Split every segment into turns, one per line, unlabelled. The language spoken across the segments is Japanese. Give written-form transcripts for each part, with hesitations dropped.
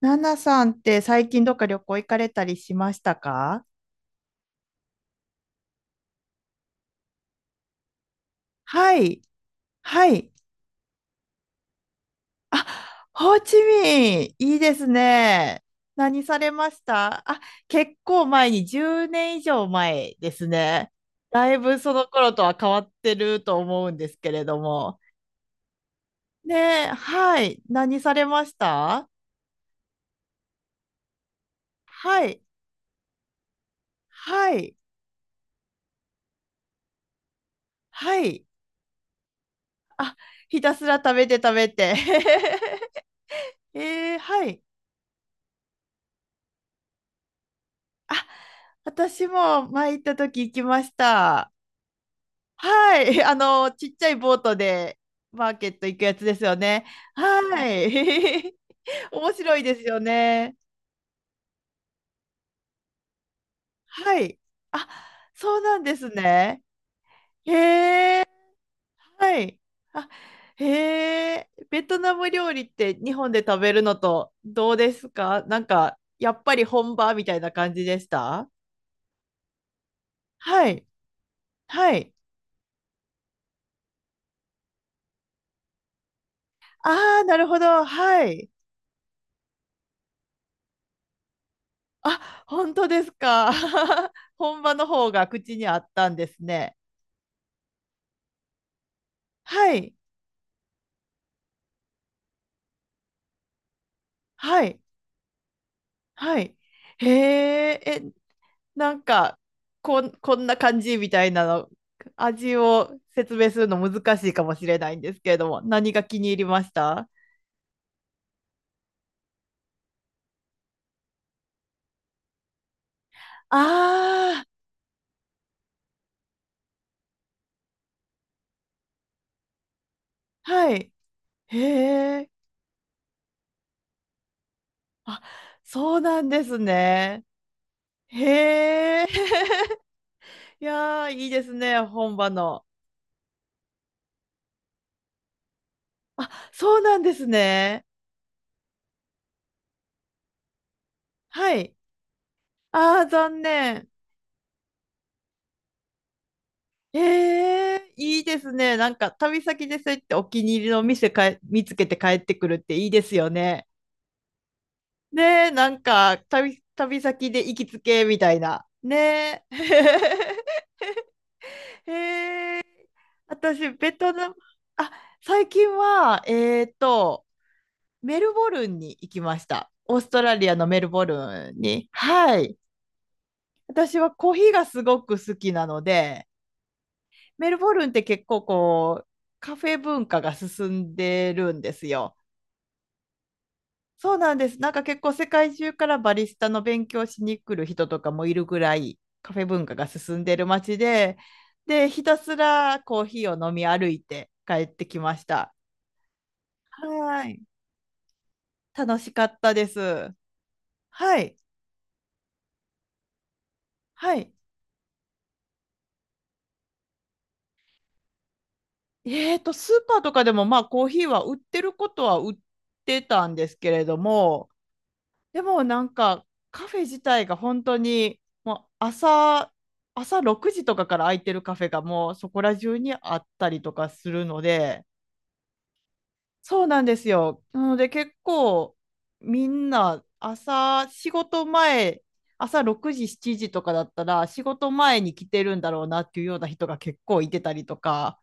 ナナさんって最近どっか旅行行かれたりしましたか？はい。はい。あ、ホーチミン、いいですね。何されました？あ、結構前に、10年以上前ですね。だいぶその頃とは変わってると思うんですけれども。ねえ、はい。何されました？はい。はい。はい。あ、ひたすら食べて食べて。えー、はい。私も前行った時行きました。はい。ちっちゃいボートでマーケット行くやつですよね。はい。面白いですよね。はい。あ、そうなんですね。へえ、はい。あ、へえ、ベトナム料理って日本で食べるのとどうですか？なんか、やっぱり本場みたいな感じでした？はい。はい。ああ、なるほど。はい。あ、本当ですか。本場の方が口にあったんですね。はい、はい、はい。へえ、え、なんか、こんな感じみたいなの、味を説明するの難しいかもしれないんですけれども、何が気に入りました？ああー、はい。へえ、あ、そうなんですね。へえ、いやー、いいですね、本場の。あ、そうなんですね。はい。ああ、残念。ええ、いいですね。なんか旅先でそうやってお気に入りの店かえ見つけて帰ってくるっていいですよね。ねえ、なんか旅先で行きつけみたいな。ねえ。私、ベトナム、あ、最近は、メルボルンに行きました。オーストラリアのメルボルンに。はい。私はコーヒーがすごく好きなので、メルボルンって結構こう、カフェ文化が進んでるんですよ。そうなんです。なんか結構世界中からバリスタの勉強しに来る人とかもいるぐらいカフェ文化が進んでる街で、ひたすらコーヒーを飲み歩いて帰ってきました。はい。楽しかったです。はい。はい。スーパーとかでもまあコーヒーは売ってることは売ってたんですけれども、でもなんかカフェ自体が本当にもう朝6時とかから空いてるカフェがもうそこら中にあったりとかするので、そうなんですよ。なので結構みんな朝仕事前、朝6時7時とかだったら仕事前に来てるんだろうなっていうような人が結構いてたりとか、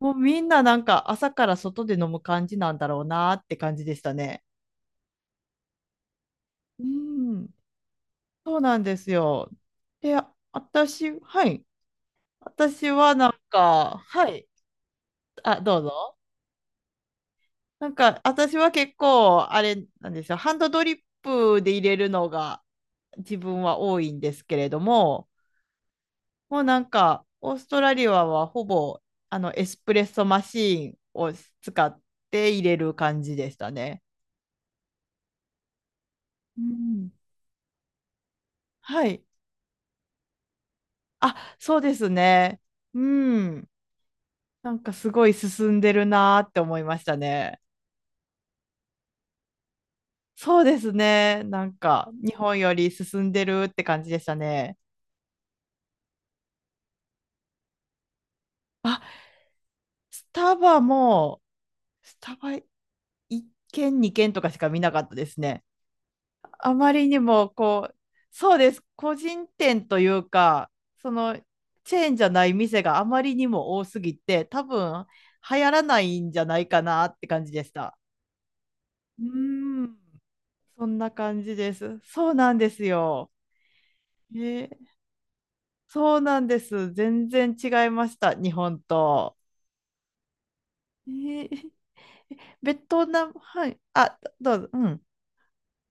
もうみんななんか朝から外で飲む感じなんだろうなって感じでしたね。うん、そうなんですよ。で、あ、私、はい。私はなんか、はい。あ、どうぞ。なんか、私は結構、あれなんですよ。ハンドドリップで入れるのが自分は多いんですけれども、もうなんか、オーストラリアはほぼ、エスプレッソマシーンを使って入れる感じでしたね。うん。はい。あ、そうですね。うん。なんかすごい進んでるなーって思いましたね。そうですね。なんか、日本より進んでるって感じでしたね。あ、スタバも、スタバ1軒、2軒とかしか見なかったですね。あまりにも、こう、そうです。個人店というか、その、チェーンじゃない店があまりにも多すぎて、多分、流行らないんじゃないかなって感じでした。うーん、そんな感じです。そうなんですよ。えーそうなんです。全然違いました。日本と。えーベトナム はい。あ、どうぞ。うん。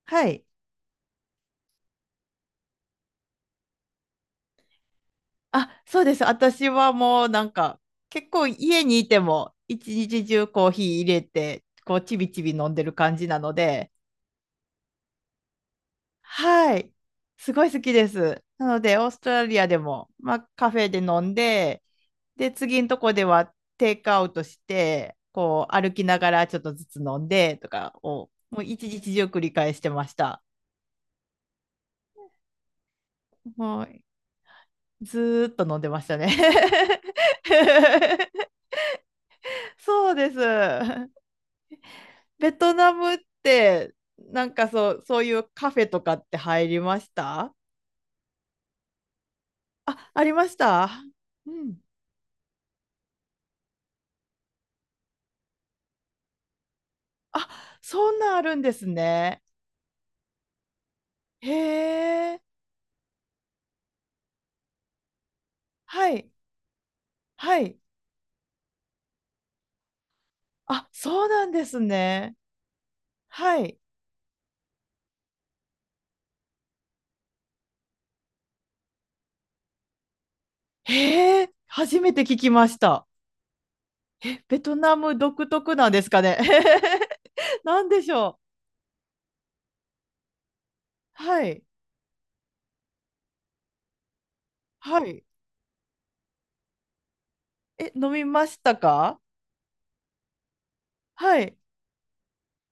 はい。あ、そうです。私はもうなんか、結構家にいても、一日中コーヒー入れて、こう、ちびちび飲んでる感じなので、はい。すごい好きです。なので、オーストラリアでも、まあ、カフェで飲んで、で、次のとこではテイクアウトして、こう歩きながらちょっとずつ飲んでとかを、もう一日中繰り返してました。もうずーっと飲んでましたね。 そうです。ベトナムって、なんかそういうカフェとかって入りました？あ、ありました。うん。あ、そんなんあるんですね。へえ。はい。はい。あ、そうなんですね。はい。へえ、初めて聞きました。ベトナム独特なんですかね。なんでしょう。はい。はい。え、飲みましたか？はい。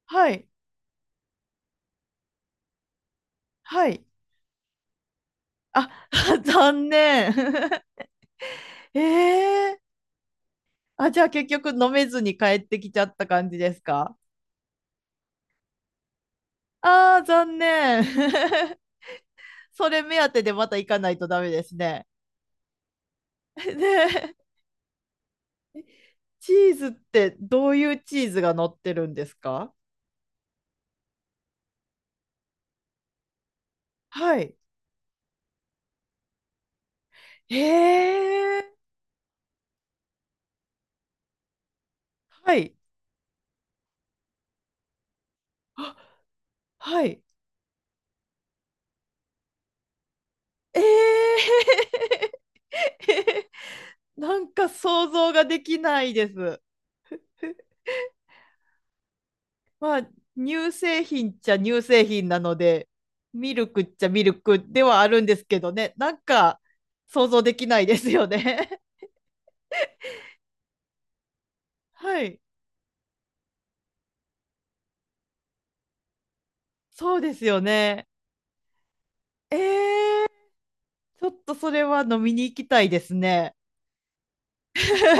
はい。はい。あ、残念。ええ、あ、じゃあ結局飲めずに帰ってきちゃった感じですか？ああー、残念。それ目当てでまた行かないとダメですね。ねえ、チーズってどういうチーズが乗ってるんですか？はい。へえ、はい。あ、はい。ええ。 なんか想像ができないです。まあ、乳製品っちゃ乳製品なので、ミルクっちゃミルクではあるんですけどね、なんか想像できないですよね。はい。そうですよね。ええ、ちょっとそれは飲みに行きたいですね。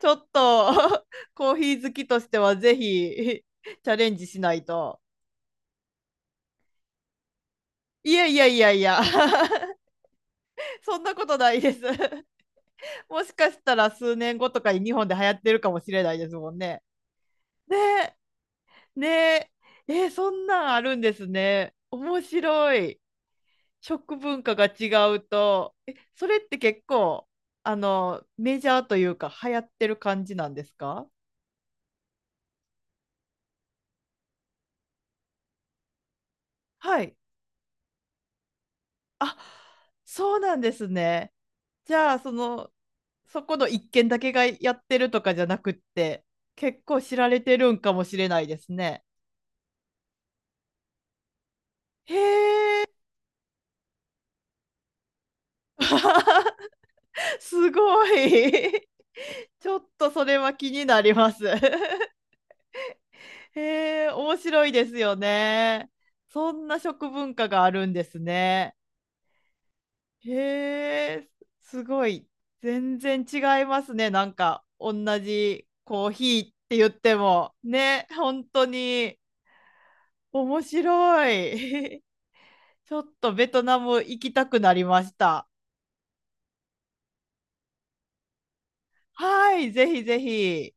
ちょっとコーヒー好きとしてはぜひチャレンジしないと。いやいやいやいや、そんなことないです。もしかしたら数年後とかに日本で流行ってるかもしれないですもんね。ねえ、ねえ、そんなんあるんですね。面白い。食文化が違うと、それって結構、メジャーというか、流行ってる感じなんですか？はい。あ、そうなんですね。じゃあ、そこの一軒だけがやってるとかじゃなくって、結構知られてるんかもしれないですね。へえ。 すごい。 ちょっとそれは気になります。 へえ、面白いですよね。そんな食文化があるんですね。へえ、すごい。全然違いますね。なんか同じコーヒーって言ってもね、本当に面白い。ちょっとベトナム行きたくなりました。はい、ぜひぜひ。